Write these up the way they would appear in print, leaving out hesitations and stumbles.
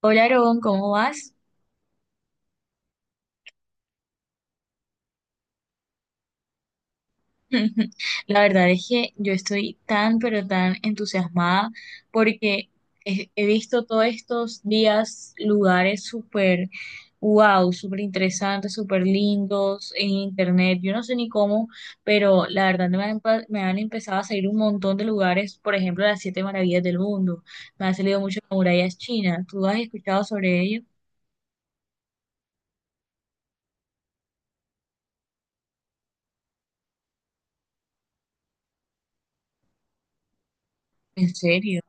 Hola, Aarón, ¿cómo vas? La verdad es que yo estoy tan, pero tan entusiasmada porque he visto todos estos días lugares súper, wow, súper interesantes, súper lindos en internet. Yo no sé ni cómo, pero la verdad me han empezado a salir un montón de lugares, por ejemplo, las siete maravillas del mundo. Me han salido muchas murallas chinas. ¿Tú has escuchado sobre ello? ¿En serio?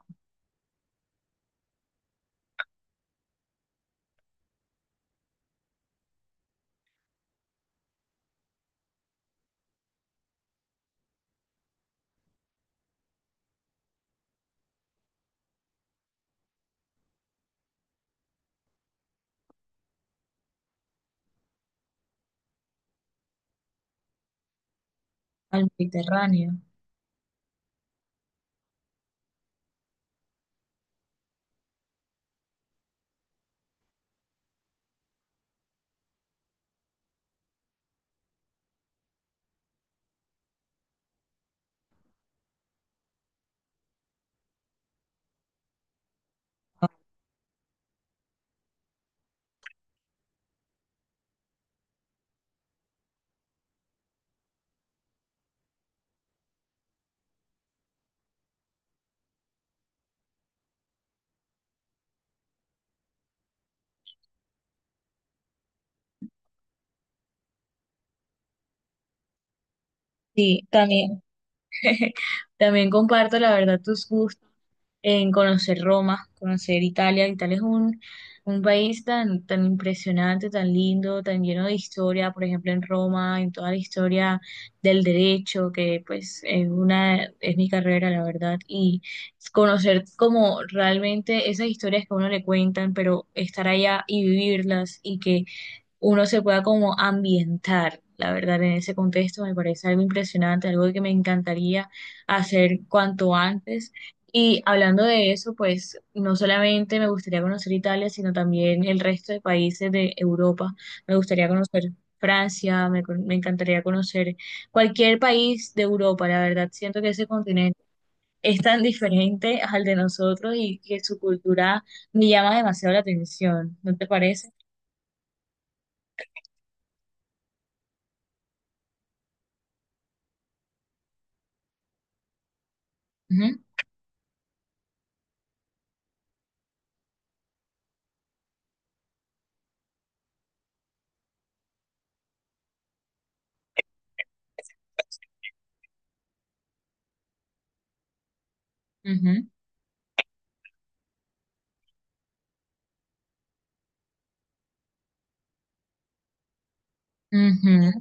Al Mediterráneo. Sí, también. También comparto, la verdad, tus gustos en conocer Roma, conocer Italia. Italia es un país tan, tan impresionante, tan lindo, tan lleno de historia, por ejemplo, en Roma, en toda la historia del derecho, que pues es una, es mi carrera, la verdad, y conocer como realmente esas historias que a uno le cuentan, pero estar allá y vivirlas y que uno se pueda como ambientar, la verdad, en ese contexto me parece algo impresionante, algo que me encantaría hacer cuanto antes. Y hablando de eso, pues no solamente me gustaría conocer Italia, sino también el resto de países de Europa. Me gustaría conocer Francia, me encantaría conocer cualquier país de Europa, la verdad, siento que ese continente es tan diferente al de nosotros y que su cultura me llama demasiado la atención, ¿no te parece? Ujú, ujú. Ujú.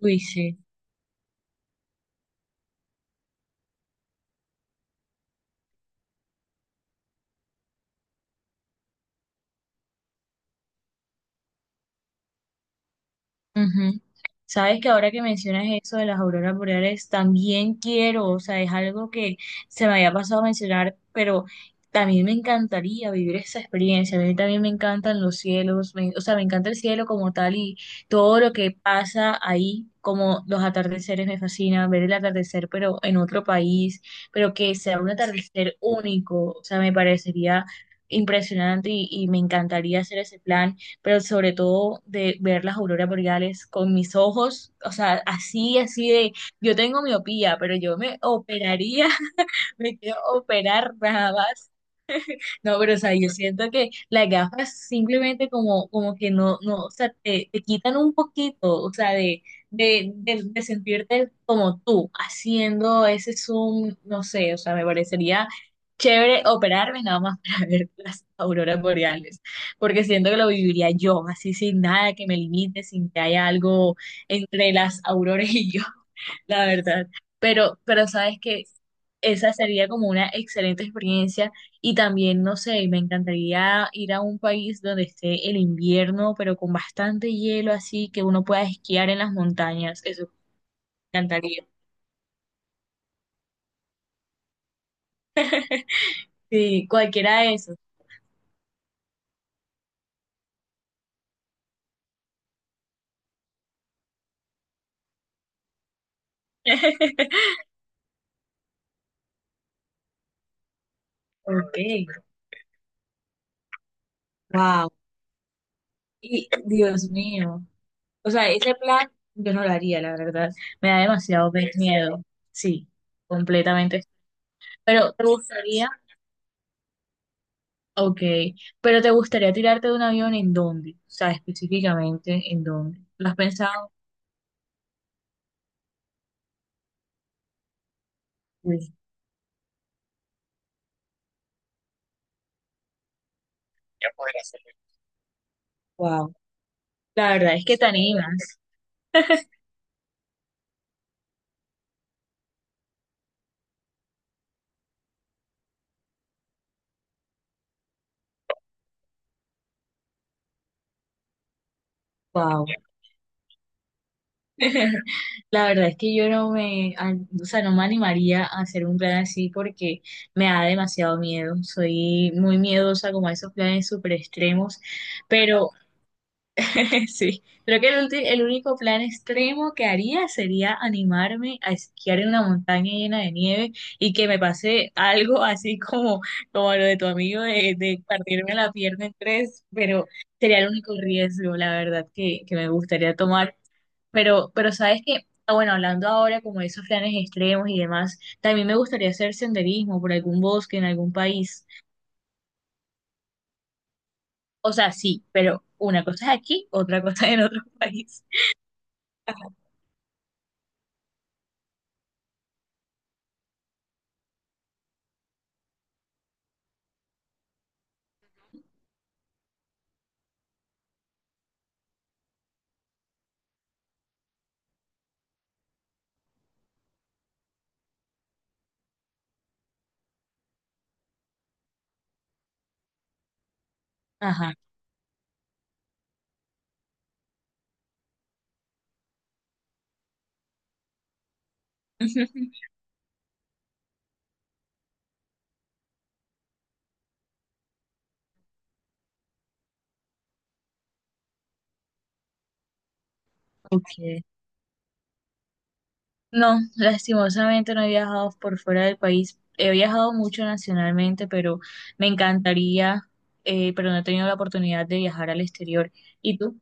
Uy, sí. Ujú. Sabes que ahora que mencionas eso de las auroras boreales, también quiero, o sea, es algo que se me había pasado a mencionar, pero también me encantaría vivir esa experiencia. A mí también me encantan los cielos, o sea, me encanta el cielo como tal y todo lo que pasa ahí, como los atardeceres me fascina, ver el atardecer, pero en otro país, pero que sea un atardecer único, o sea, me parecería impresionante y me encantaría hacer ese plan. Pero sobre todo de ver las auroras boreales con mis ojos, o sea, así, así de, yo tengo miopía, pero yo me operaría, me quiero operar nada más. No, pero o sea, yo siento que las gafas simplemente como, como que no, no, o sea, te quitan un poquito, o sea, de, de sentirte como tú, haciendo ese zoom, no sé, o sea, me parecería chévere operarme nada más para ver las auroras boreales, porque siento que lo viviría yo, así sin nada que me limite, sin que haya algo entre las auroras y yo. La verdad. Pero sabes que esa sería como una excelente experiencia y también, no sé, me encantaría ir a un país donde esté el invierno, pero con bastante hielo, así que uno pueda esquiar en las montañas. Eso me encantaría. Sí, cualquiera de esos. Ok, wow. Y Dios mío. O sea, ese plan yo no lo haría, la verdad. Me da demasiado miedo. Sí, completamente. Pero ¿te gustaría? Ok, pero ¿te gustaría tirarte de un avión en dónde? O sea, específicamente en dónde. ¿Lo has pensado? Sí. Wow, la verdad es que te animas. Wow. La verdad es que yo no me, a- o sea, no me animaría a hacer un plan así porque me da demasiado miedo. Soy muy miedosa como a esos planes súper extremos, pero. Sí, creo que el único plan extremo que haría sería animarme a esquiar en una montaña llena de nieve y que me pase algo así como, como lo de tu amigo de partirme la pierna en tres, pero sería el único riesgo, la verdad, que me gustaría tomar. Pero sabes que, ah, bueno, hablando ahora como de esos planes extremos y demás, también me gustaría hacer senderismo por algún bosque en algún país. O sea, sí, pero una cosa es aquí, otra cosa en otro país. Ajá. Ok. No, lastimosamente no he viajado por fuera del país. He viajado mucho nacionalmente, pero me encantaría, pero no he tenido la oportunidad de viajar al exterior. ¿Y tú?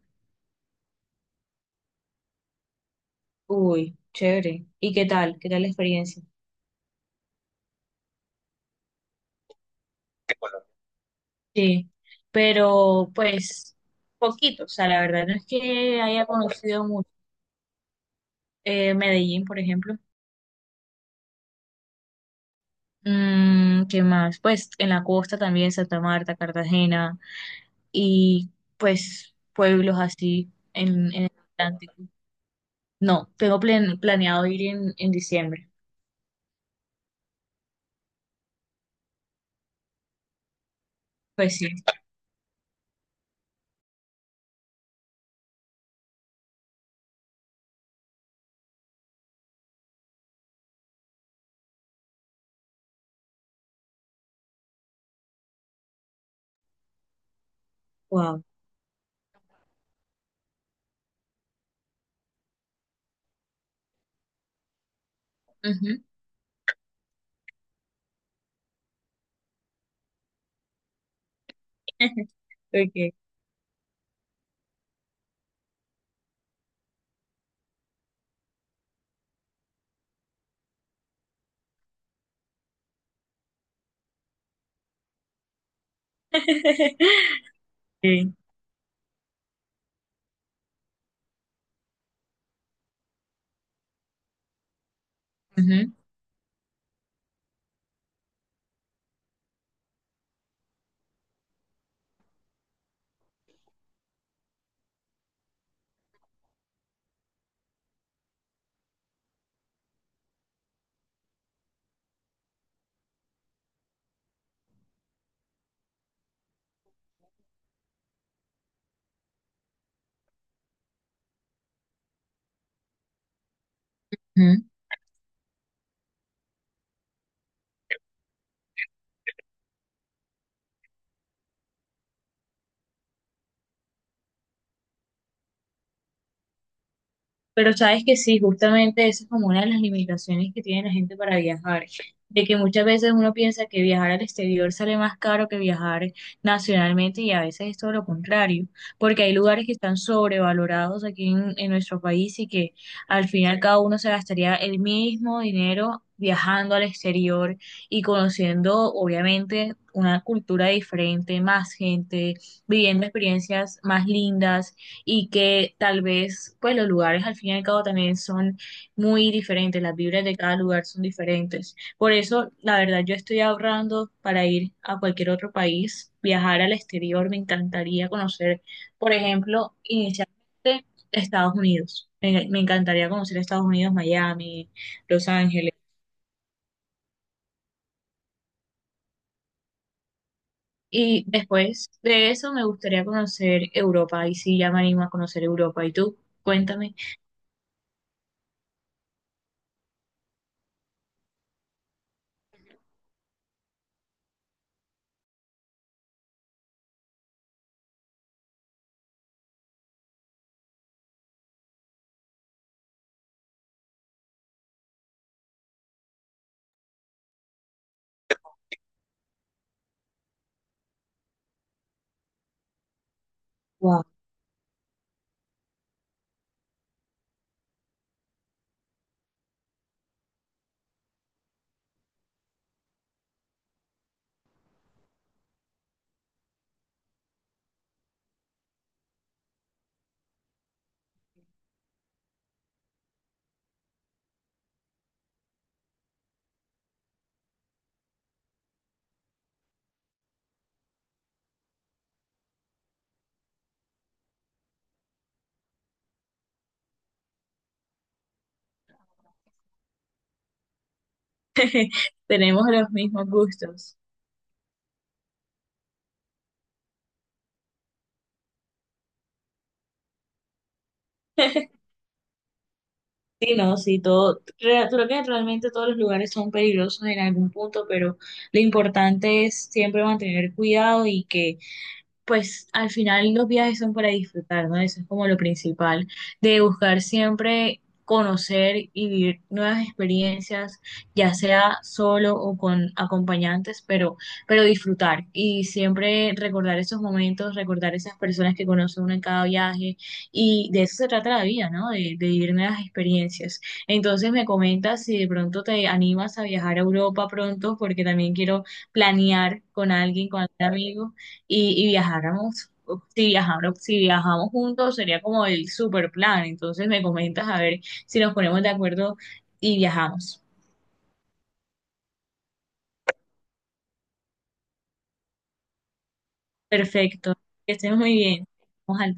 Uy, chévere. ¿Y qué tal? ¿Qué tal la experiencia? Sí, pero pues poquito, o sea, la verdad no es que haya conocido mucho. Medellín, por ejemplo. Mm, ¿qué más? Pues en la costa también, Santa Marta, Cartagena, y pues pueblos así en el Atlántico. No, tengo planeado ir en diciembre. Pues sí, wow. Ujú. Ok. Sí. Ujú, ujú. Pero sabes que sí, justamente esa es como una de las limitaciones que tiene la gente para viajar, de que muchas veces uno piensa que viajar al exterior sale más caro que viajar nacionalmente y a veces es todo lo contrario, porque hay lugares que están sobrevalorados aquí en nuestro país y que al final cada uno se gastaría el mismo dinero viajando al exterior y conociendo obviamente una cultura diferente, más gente, viviendo experiencias más lindas y que tal vez pues los lugares al fin y al cabo también son muy diferentes, las vibras de cada lugar son diferentes. Por eso, la verdad, yo estoy ahorrando para ir a cualquier otro país, viajar al exterior, me encantaría conocer, por ejemplo, inicialmente Estados Unidos. Me encantaría conocer Estados Unidos, Miami, Los Ángeles. Y después de eso me gustaría conocer Europa, y sí, ya me animo a conocer Europa. ¿Y tú? Cuéntame. Wow, tenemos los mismos gustos. Sí, no, sí, todo, creo que realmente todos los lugares son peligrosos en algún punto, pero lo importante es siempre mantener cuidado y que pues al final los viajes son para disfrutar, ¿no? Eso es como lo principal, de buscar siempre conocer y vivir nuevas experiencias, ya sea solo o con acompañantes, pero disfrutar y siempre recordar esos momentos, recordar esas personas que conoce uno en cada viaje y de eso se trata la vida, ¿no? De vivir nuevas experiencias. Entonces me comentas si de pronto te animas a viajar a Europa pronto, porque también quiero planear con alguien, con algún amigo y viajáramos, si viajamos juntos sería como el super plan. Entonces me comentas a ver si nos ponemos de acuerdo y viajamos. Perfecto, que estés muy bien. Vamos al